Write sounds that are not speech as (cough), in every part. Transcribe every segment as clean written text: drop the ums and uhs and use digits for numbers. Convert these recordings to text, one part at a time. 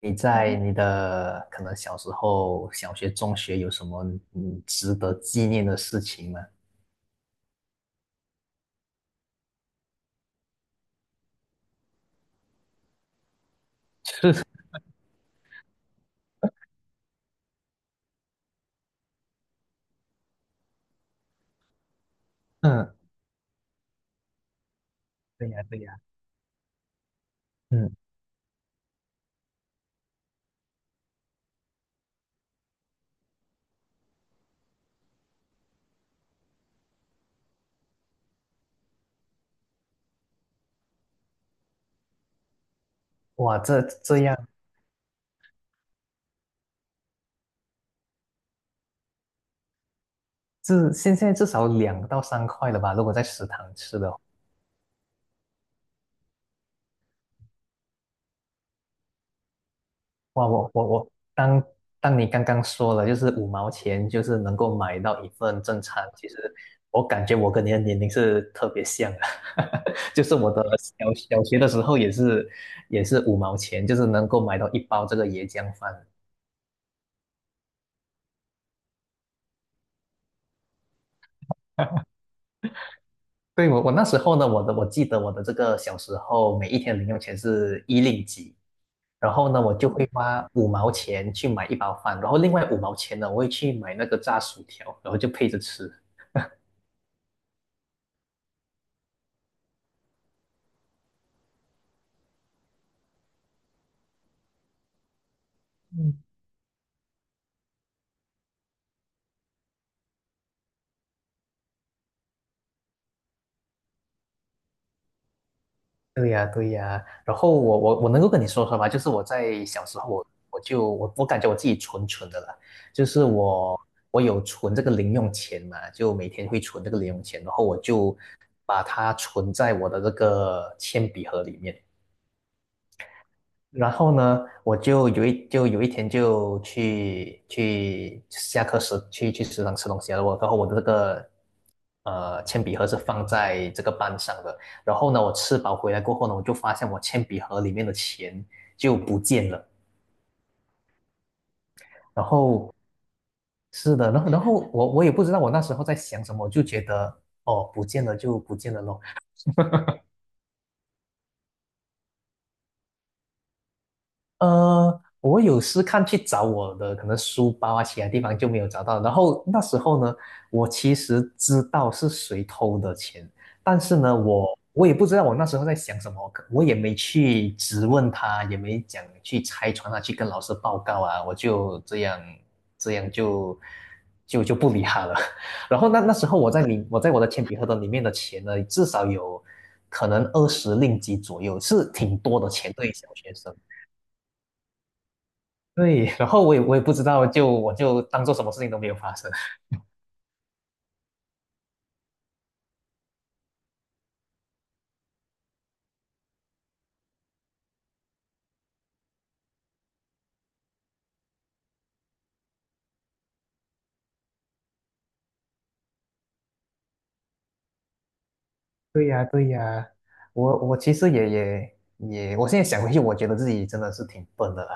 你在你的可能小时候、小学、中学有什么值得纪念的事情吗？(laughs) 嗯，对呀，对呀，嗯，哇，这样，至现在至少2到3块了吧？如果在食堂吃的话，哇，我，当你刚刚说了，就是五毛钱就是能够买到一份正餐，其实我感觉我跟你的年龄是特别像的。(laughs) 就是我的小学的时候也是五毛钱，就是能够买到一包这个椰浆饭。对，我那时候呢，我记得我的这个小时候每一天零用钱是1令几，然后呢，我就会花五毛钱去买一包饭，然后另外五毛钱呢，我会去买那个炸薯条，然后就配着吃。嗯，对呀，对呀。然后我能够跟你说说吧，就是我在小时候我感觉我自己蠢蠢的啦，就是我有存这个零用钱嘛，就每天会存这个零用钱，然后我就把它存在我的这个铅笔盒里面。然后呢，我就有一天就去下课时去食堂吃东西了。然后我的这个铅笔盒是放在这个班上的。然后呢，我吃饱回来过后呢，我就发现我铅笔盒里面的钱就不见了。然后是的，然后我也不知道我那时候在想什么，我就觉得哦不见了就不见了咯。我有试看去找我的可能书包啊，其他地方就没有找到。然后那时候呢，我其实知道是谁偷的钱，但是呢，我也不知道我那时候在想什么，可我也没去质问他，也没讲去拆穿他，去跟老师报告啊，我就这样就不理他了。(laughs) 然后那时候我在我的铅笔盒的里面的钱呢，至少有可能20令吉左右，是挺多的钱，对于小学生。对，(laughs) 然后我也不知道，就我就当做什么事情都没有发生。对呀，对呀，我其实也，我现在想回去，我觉得自己真的是挺笨的啦。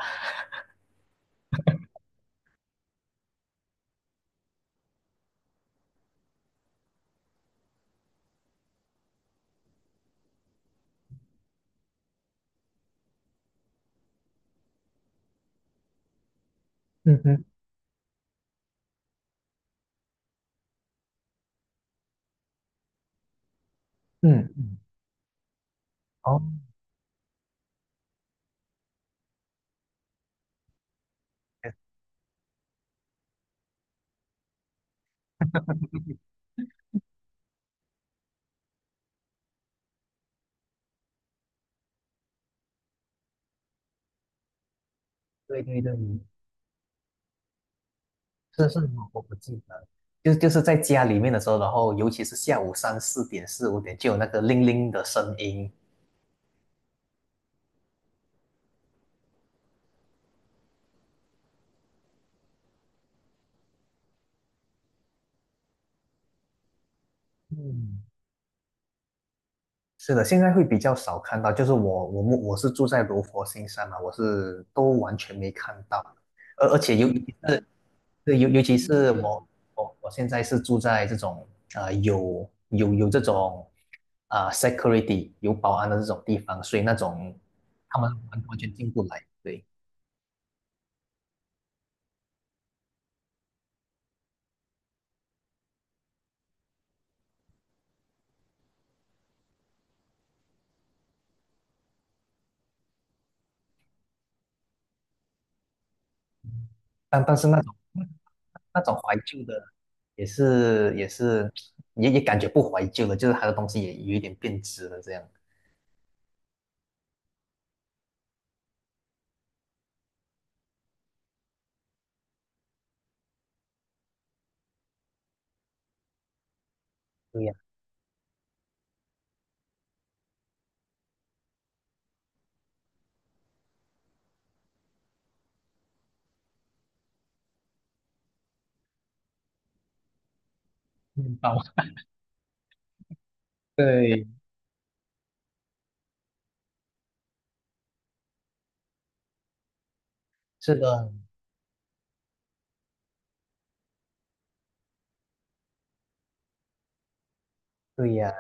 嗯，嗯，嗯，嗯，哦，哎，对对对，是是，我不记得，就是在家里面的时候，然后尤其是下午三四点、四五点，就有那个铃铃的声音。嗯，是的，现在会比较少看到，就是我是住在罗佛新山嘛，我是都完全没看到，而且尤其是，对，尤其是我现在是住在这种有这种security 有保安的这种地方，所以那种他们完全进不来，对，但是那种怀旧的也是也是也也感觉不怀旧了，就是它的东西也有一点变质了这样。对呀，面包。(laughs) 对。是的，对呀，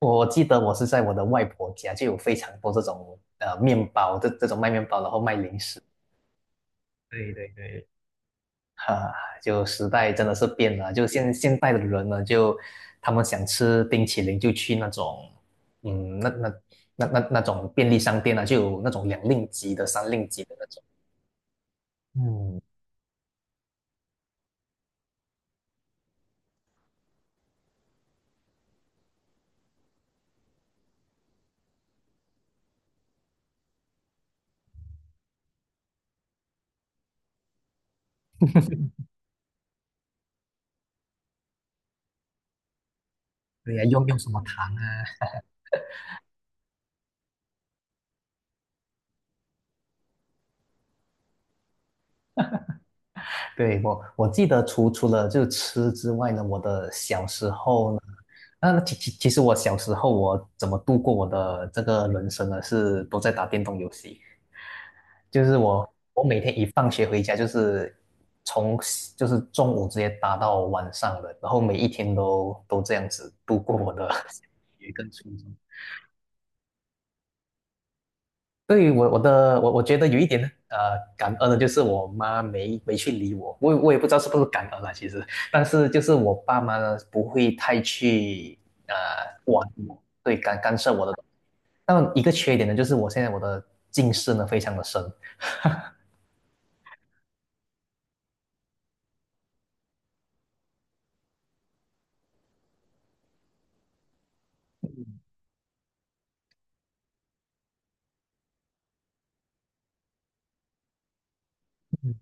我记得我是在我的外婆家就有非常多这种面包，这种卖面包，然后卖零食，对对对，哈、就时代真的是变了，就现代的人呢，就他们想吃冰淇淋就去那种，嗯，那种便利商店啊，就有那种2令吉的、3令吉的那种，嗯，对呀，用什么糖，对，我记得除了就吃之外呢，我的小时候呢，那其实我小时候我怎么度过我的这个人生呢？是都在打电动游戏，就是我每天一放学回家就是从就是中午直接打到晚上的，然后每一天都这样子度过我的 (laughs) 小学跟初中。对，我我的我我觉得有一点呢，感恩的，就是我妈没去理我，我也不知道是不是感恩啊，其实，但是就是我爸妈呢不会太去呃管我，对，干涉我的。但一个缺点呢，就是我现在我的近视呢非常的深。嗯，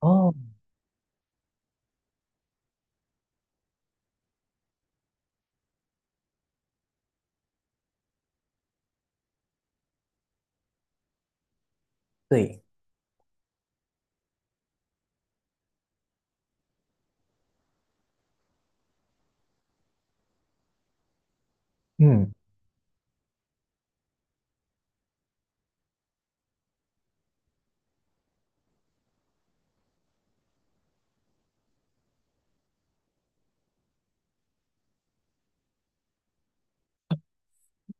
哦，对，嗯，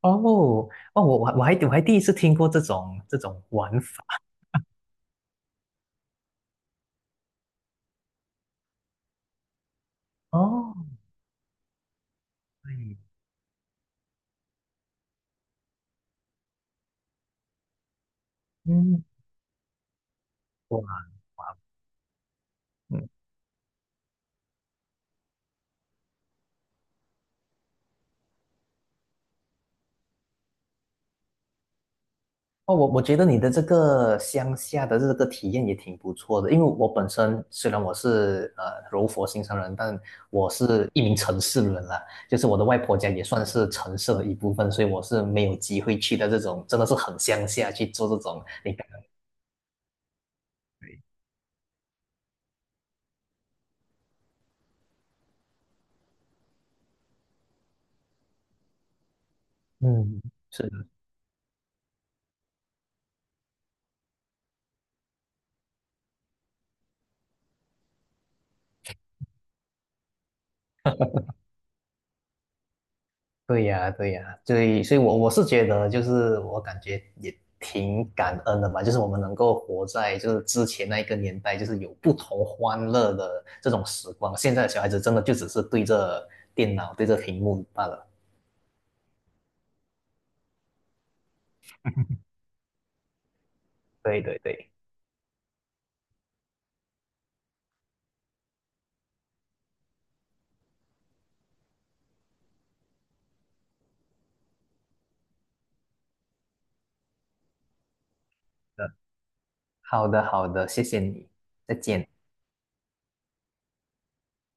哦哦，我第一次听过这种玩法。哦，对，嗯，哇。嗯。哦，我觉得你的这个乡下的这个体验也挺不错的，因为我本身虽然我是柔佛新山人，但我是一名城市人啦，就是我的外婆家也算是城市的一部分，所以我是没有机会去的这种真的是很乡下去做这种你刚刚嗯。对呀，对呀，所以，所以我是觉得，就是我感觉也挺感恩的吧，就是我们能够活在就是之前那一个年代，就是有不同欢乐的这种时光。现在的小孩子真的就只是对着电脑、对着屏幕罢了。对对对，嗯，好的好的，谢谢你，再见。